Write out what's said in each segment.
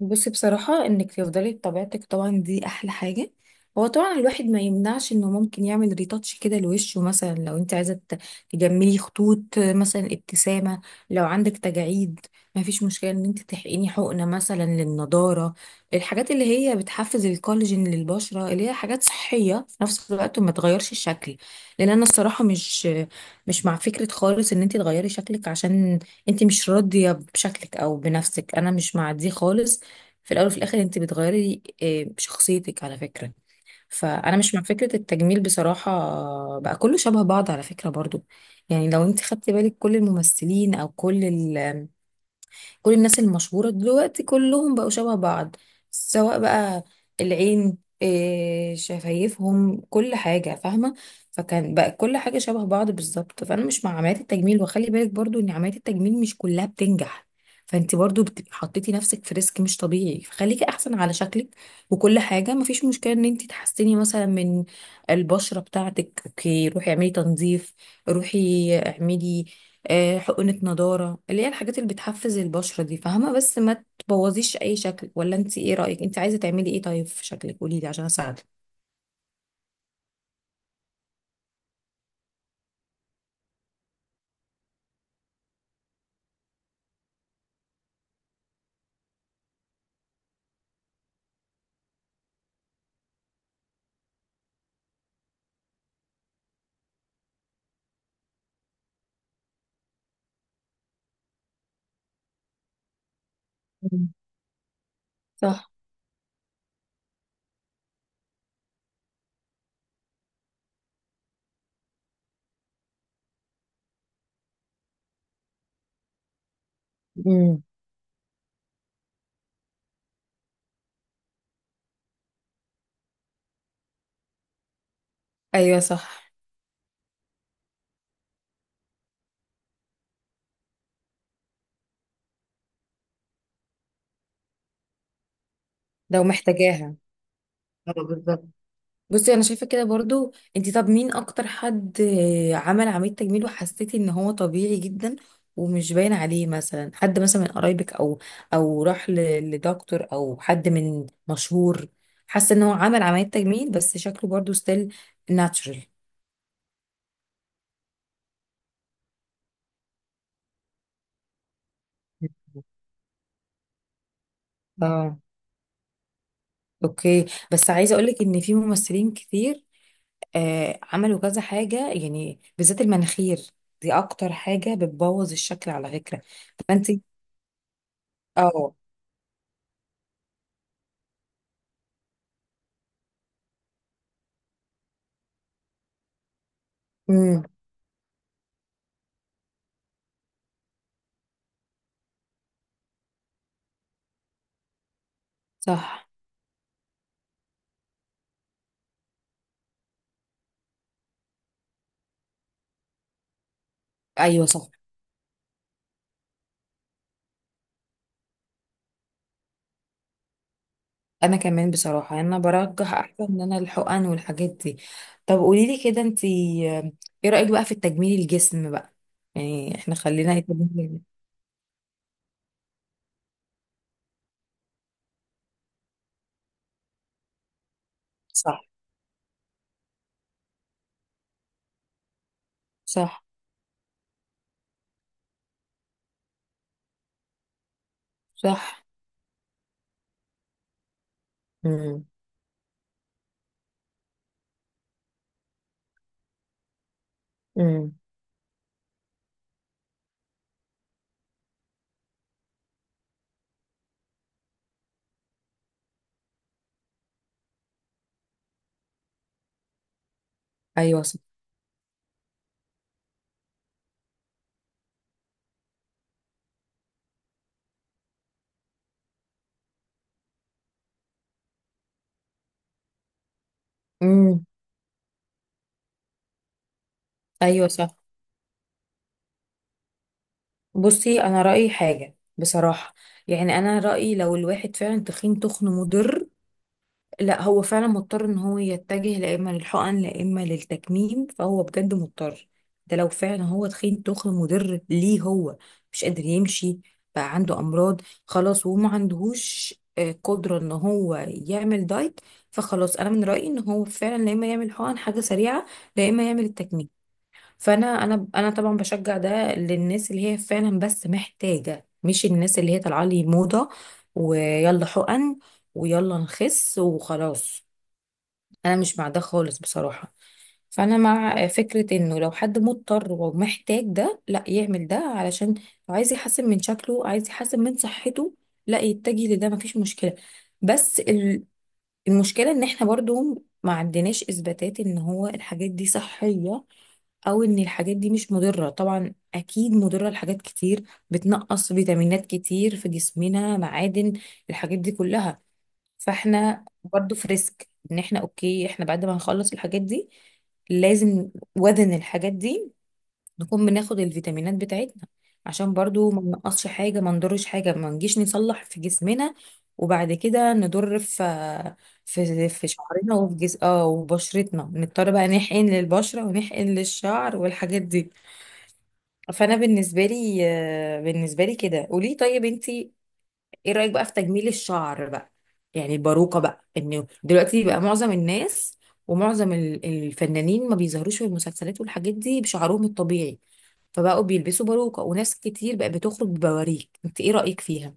بصي، بصراحة انك تفضلي بطبيعتك طبعا دي احلى حاجة. هو طبعا الواحد ما يمنعش انه ممكن يعمل ريتاتش كده لوشه، مثلا لو انت عايزة تجملي خطوط مثلا ابتسامة، لو عندك تجاعيد ما فيش مشكلة ان انت تحقني حقنة مثلا للنضارة، الحاجات اللي هي بتحفز الكولاجين للبشرة اللي هي حاجات صحية في نفس الوقت ما تغيرش الشكل. لان انا الصراحة مش مع فكرة خالص ان انت تغيري شكلك عشان انت مش راضية بشكلك او بنفسك، انا مش مع دي خالص. في الاول وفي الاخر انت بتغيري شخصيتك على فكره، فانا مش مع فكره التجميل بصراحه. بقى كله شبه بعض على فكره برضو. يعني لو انت خدتي بالك كل الممثلين او كل الناس المشهورة دلوقتي كلهم بقوا شبه بعض، سواء بقى العين، شفايفهم، كل حاجة، فاهمة؟ فكان بقى كل حاجة شبه بعض بالظبط. فأنا مش مع عمليات التجميل، وخلي بالك برضو إن عمليات التجميل مش كلها بتنجح، فانت برضو بتبقي حطيتي نفسك في ريسك مش طبيعي، فخليكي احسن على شكلك. وكل حاجه مفيش مشكله ان انت تحسني مثلا من البشره بتاعتك. اوكي، روحي اعملي تنظيف، روحي اعملي حقنة نضارة، اللي هي الحاجات اللي بتحفز البشرة دي، فاهمة؟ بس ما تبوظيش أي شكل. ولا انت ايه رأيك؟ انت عايزة تعملي ايه طيب في شكلك؟ قوليلي عشان اساعدك. مم. صح. مم. ايوه صح. لو محتاجاها. اه، بالظبط. بصي انا شايفه كده برضو. انتي طب مين اكتر حد عمل عمليه تجميل وحسيتي ان هو طبيعي جدا ومش باين عليه؟ مثلا حد مثلا من قرايبك، او راح لدكتور، او حد من مشهور، حاسه ان هو عمل عمليه تجميل بس شكله برضو ستيل ناتشورال. اه، اوكي. بس عايزه اقولك ان في ممثلين كتير عملوا كذا حاجه، يعني بالذات المناخير دي اكتر حاجه بتبوظ الشكل على فكره. فانت. اه. امم. صح. ايوه صح. انا كمان بصراحه، يعني انا برجح احسن ان انا الحقن والحاجات دي. طب قولي لي كده، انت ايه رايك بقى في التجميل الجسم بقى؟ يعني احنا خلينا يتجميل. صح. صح. صح. امم. امم. ايوه صح. امم. ايوه صح. بصي انا رايي حاجه بصراحه، يعني انا رايي لو الواحد فعلا تخين تخن مضر، لا هو فعلا مضطر ان هو يتجه لا اما للحقن لا اما للتكميم، فهو بجد مضطر. ده لو فعلا هو تخين تخن مضر ليه، هو مش قادر يمشي، بقى عنده امراض خلاص وما عندهوش قدرة ان هو يعمل دايت، فخلاص انا من رأيي ان هو فعلا لا اما يعمل حقن حاجة سريعة لا اما يعمل التكميم. فانا انا انا طبعا بشجع ده للناس اللي هي فعلا بس محتاجه، مش الناس اللي هي طالعه لي موضه ويلا حقن ويلا نخس وخلاص، انا مش مع ده خالص بصراحه. فانا مع فكره انه لو حد مضطر ومحتاج ده لا يعمل ده، علشان لو عايز يحسن من شكله عايز يحسن من صحته لا يتجه لده، مفيش مشكله. بس المشكله ان احنا برضو ما عندناش اثباتات ان هو الحاجات دي صحيه، او ان الحاجات دي مش مضره، طبعا اكيد مضره لحاجات كتير، بتنقص فيتامينات كتير في جسمنا، معادن، الحاجات دي كلها. فاحنا برضو في ريسك، ان احنا اوكي احنا بعد ما هنخلص الحاجات دي لازم وزن الحاجات دي نكون بناخد الفيتامينات بتاعتنا، عشان برضو ما ننقصش حاجة ما نضرش حاجة، ما نجيش نصلح في جسمنا وبعد كده نضر في شعرنا وفي جس اه وبشرتنا نضطر بقى نحقن للبشرة ونحقن للشعر والحاجات دي. فأنا بالنسبة لي كده قولي، طيب انتي ايه رأيك بقى في تجميل الشعر بقى؟ يعني الباروكة بقى، انه دلوقتي بقى معظم الناس ومعظم الفنانين ما بيظهروش في المسلسلات والحاجات دي بشعرهم الطبيعي، فبقوا بيلبسوا باروكة وناس كتير بقى بتخرج ببواريك. انت ايه رأيك فيها؟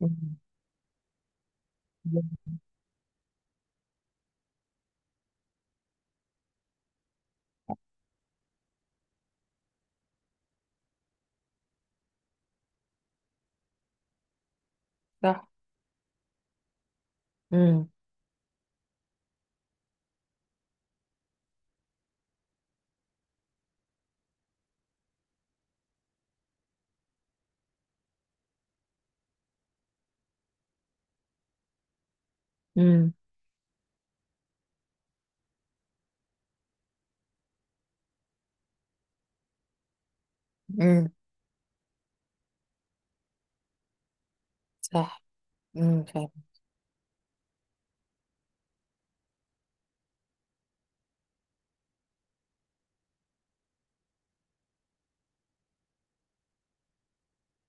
مم. صح. امم. امم. امم. صح. امم.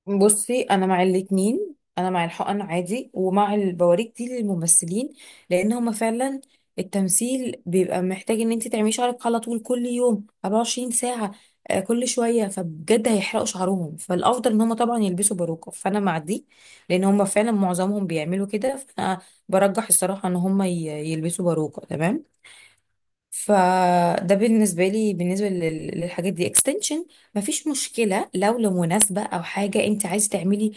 بصي انا مع الاتنين، انا مع الحقن عادي ومع البواريك دي للممثلين، لان هما فعلا التمثيل بيبقى محتاج ان انت تعملي شعرك على طول كل يوم 24 ساعة، كل شوية، فبجد هيحرقوا شعرهم فالافضل ان هما طبعا يلبسوا باروكة، فانا مع دي لان هما فعلا معظمهم بيعملوا كده. فانا برجح الصراحة ان هما يلبسوا باروكة تمام. فده بالنسبة لي، بالنسبة للحاجات دي اكستنشن، مفيش مشكلة لو لمناسبة أو حاجة أنت عايز تعملي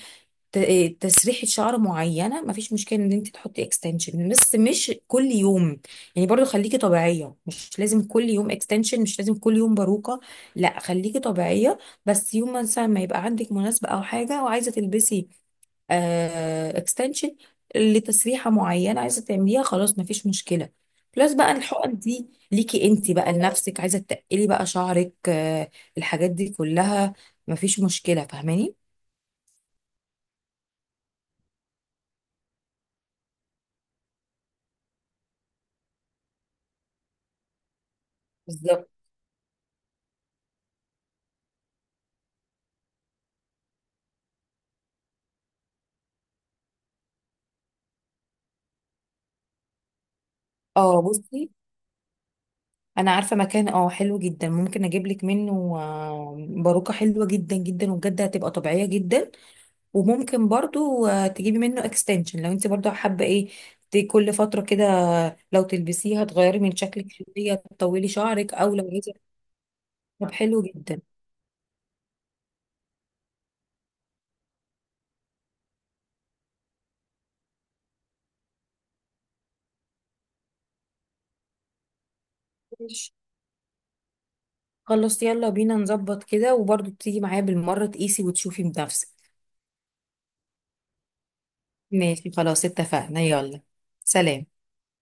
ت- إيه، تسريحة شعر معينة، مفيش مشكلة ان انت تحطي اكستنشن بس مش كل يوم، يعني برضو خليكي طبيعية، مش لازم كل يوم اكستنشن مش لازم كل يوم باروكة، لا خليكي طبيعية. بس يوم مثلا ما يبقى عندك مناسبة او حاجة وعايزة تلبسي اكستنشن لتسريحة معينة عايزة تعمليها، خلاص مفيش مشكلة. بلس بقى الحقن دي ليكي انت بقى لنفسك، عايزة تقلي بقى شعرك، الحاجات دي كلها مفيش مشكلة، فاهماني؟ بالظبط. اه، بصي انا عارفه مكان حلو جدا ممكن اجيب لك منه باروكه حلوه جدا جدا وبجد هتبقى طبيعيه جدا، وممكن برضو تجيبي منه اكستنشن لو انت برضو حابه كل فتره كده، لو تلبسيها تغيري من شكلك شويه تطولي شعرك، او لو عايزه. طب حلو جدا. ماشي، خلاص يلا بينا نظبط كده وبرضو تيجي معايا بالمره تقيسي وتشوفي بنفسك. ماشي خلاص اتفقنا يلا. سلام.